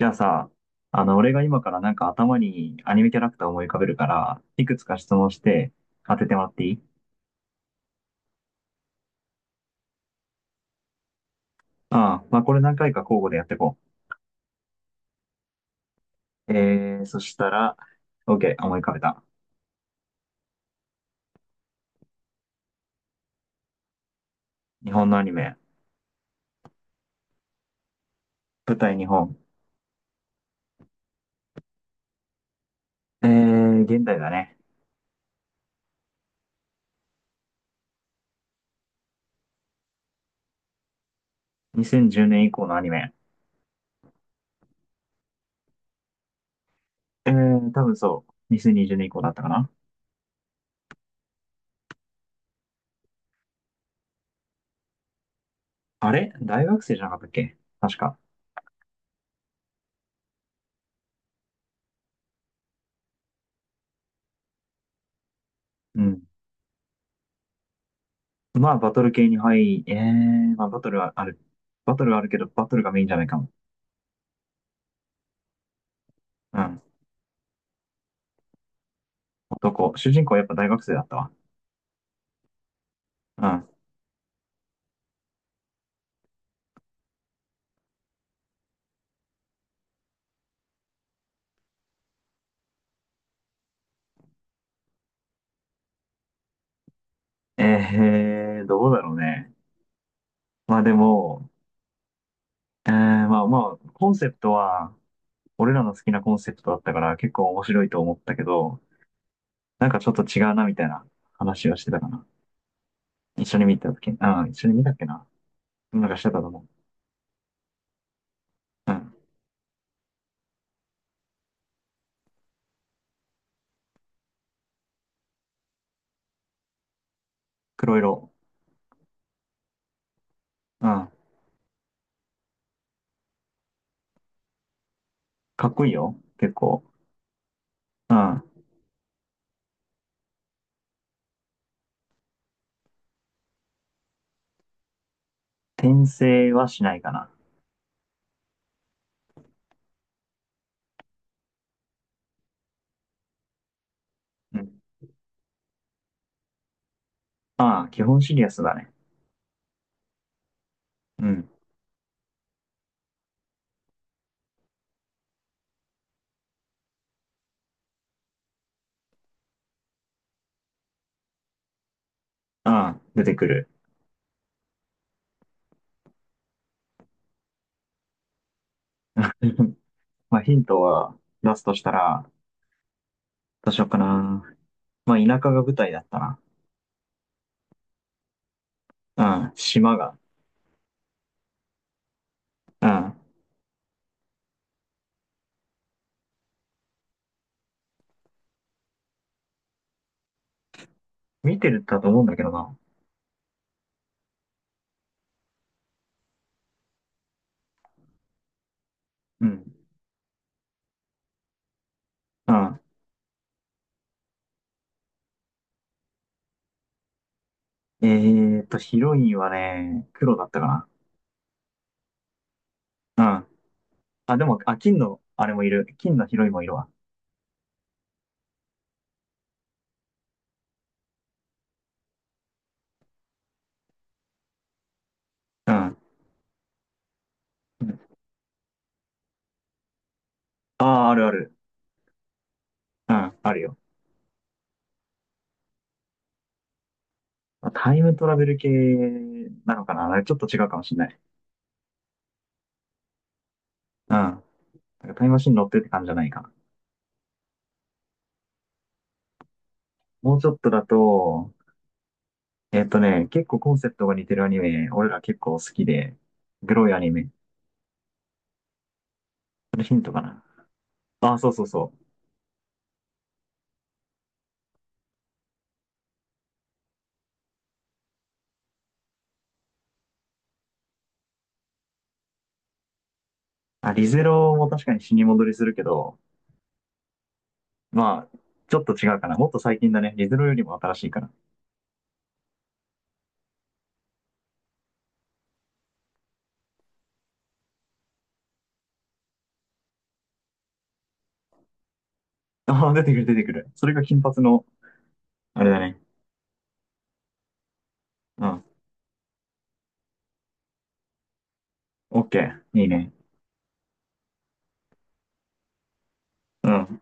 じゃあさ、俺が今からなんか頭にアニメキャラクターを思い浮かべるから、いくつか質問して当ててもらっていい？ああ、まあこれ何回か交互でやっていこう。そしたら、OK、思い浮かべた。日本のアニメ。舞台日本。現代だね。2010年以降のアニメ。多分そう。2020年以降だったかな。あれ大学生じゃなかったっけ確か。うん。まあバトル系に入り、まあバトルはある。バトルはあるけど、バトルがメインじゃないかも。うん。どこ主人公はやっぱ大学生だったわ。うん。どうだろうね。まあでも、まあまあ、コンセプトは、俺らの好きなコンセプトだったから結構面白いと思ったけど、なんかちょっと違うなみたいな話をしてたかな。一緒に見たうん、一緒に見たっけな。なんかしてたと思う。うん。黒色。うん。かっこいいよ。結構。うん。転生はしないかな。うん。ああ、基本シリアスだね。うん。ああ、出てくる。まあヒントは出すとしたら、どうしようかな。まあ、田舎が舞台だったな。うん、島が。うん。見てるだと思うんだけどな。うん。うん。えーっと、ヒロインはね、黒だったかな。うん。あ、でも、あ、金の、あれもいる。金のヒロインもいるわ。うん。ああ、あるある。うん、あるよ。タイムトラベル系なのかな。あれちょっと違うかもしれない。うん。なんかタイムマシン乗ってって感じじゃないかな。もうちょっとだと、えっとね、結構コンセプトが似てるアニメ、俺ら結構好きで、グロいアニメ。それヒントかな。あ、そうそうそう。あ、リゼロも確かに死に戻りするけど、まあ、ちょっと違うかな。もっと最近だね。リゼロよりも新しいから。ああ、出てくる出てくる。それが金髪の、あれだね。うん。オッケー。いいね。うん。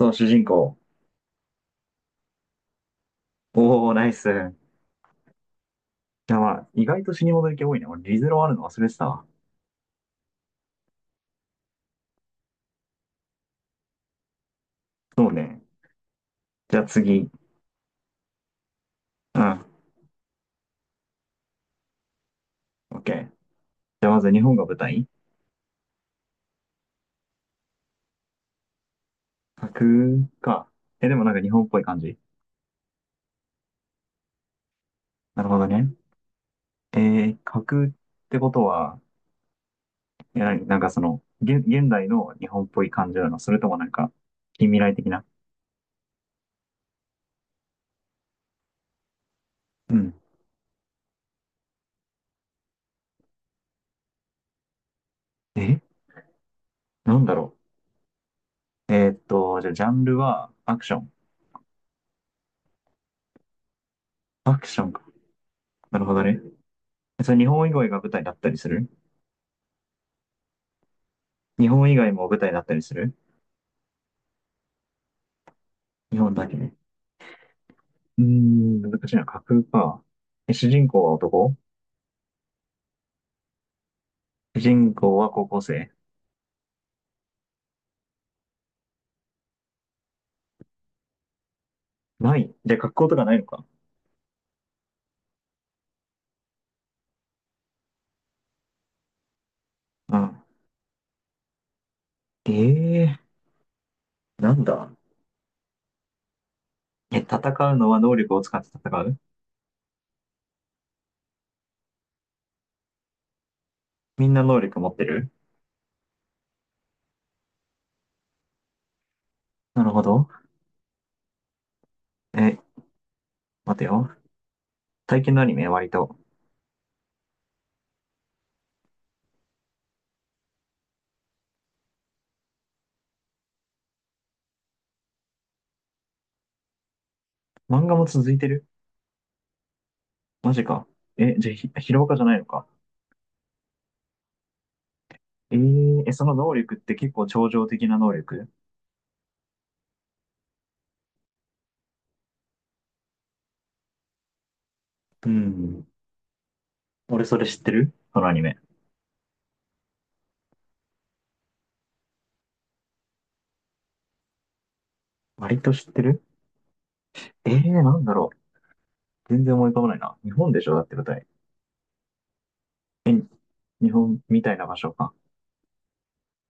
そう、主人公。おお、ナイス。じゃあまあ、意外と死に戻り系多いね。俺、リゼロあるの忘れてたわ。そうね。じゃあ次。うん。オッケー。じゃあまず日本が舞台？架空か。え、でもなんか日本っぽい感じ。なるほどね。え架空ってことは、いや、なんかその、現代の日本っぽい感じなの？それともなんか、近未来的な。うん。え、なんだろう。えーっと、じゃあ、ジャンルはアクション。アクションか。なるほどね。それ日本以外が舞台だったりする？日本以外も舞台だったりする？日本だけね。うーん、難しいな。架空か。え、主人公は男？主人公は高校生？ない。じゃあ、格好とかないのか。うん。ええー、なんだ。え、戦うのは能力を使って戦う？みんな能力持ってる？なるほど。え、待てよ。最近のアニメ割と。漫画も続いてる？マジか。え、じゃあヒロアカじゃないのか。えー、え、その能力って結構超常的な能力？うん。俺それ知ってるそのアニメ。割と知ってる？えー、なんだろう。全然思い浮かばないな。日本でしょだって舞台。え、日本みたいな場所か。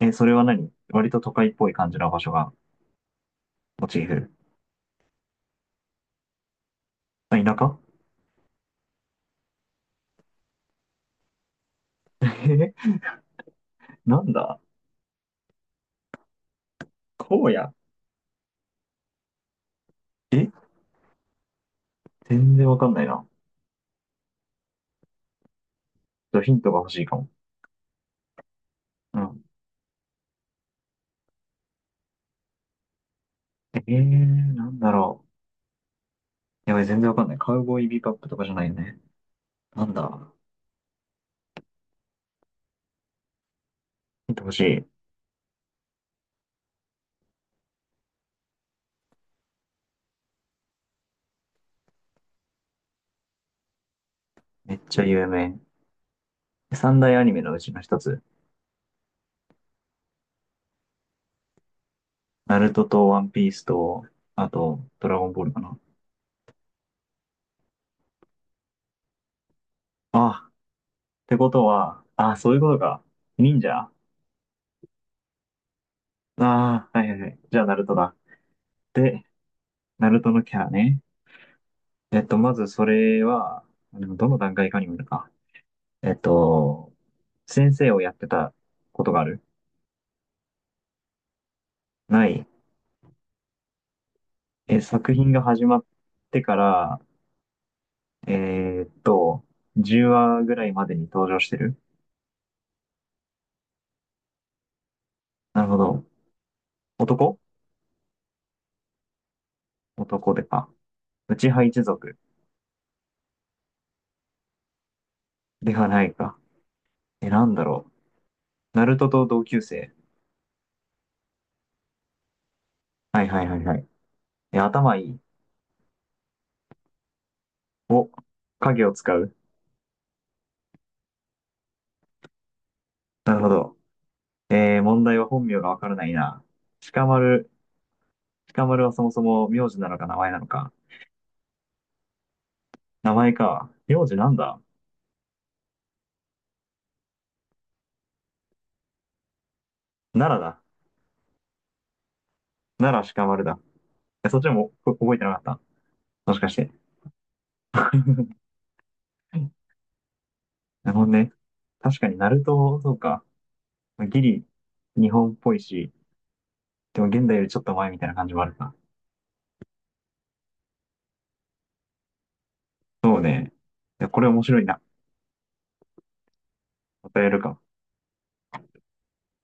え、それは何割と都会っぽい感じの場所がモチーフ？あ、田舎？ え、なんだ？荒野？え、全然わかんないな。ちょっとヒントが欲しいかも。うん。えー、なんだろう。やばい、全然わかんない。カウボーイビバップとかじゃないよね。なんだ。見てほしい。めっちゃ有名。三大アニメのうちの一つ。ナルトとワンピースと、あと、ドラゴンボールかな。ああ、ってことは、ああ、そういうことか。忍者？ああー、はいはいはい。じゃあ、ナルトだ。で、ナルトのキャラね。えっと、まずそれは、でもどの段階かにもよるか。えっと、先生をやってたことがある？ない。え、作品が始まってから、えーっと、10話ぐらいまでに登場してる？なるほど。男？男でか。内派一族？ではないか。え、なんだろう。ナルトと同級生？はいはいはいはい。え、頭いい？お、影を使う？なるほど。えー、問題は本名がわからないな。鹿丸。鹿丸はそもそも名字なのか名前なのか。名前か。名字なんだ？奈良だ。奈良鹿丸だ。え、そっちもこ覚えてなかった？もしかして。なるほどね。確かに、ナルト、そうか。ギリ、日本っぽいし、でも現代よりちょっと前みたいな感じもあるか。そうね。いやこれ面白いな。またやるか。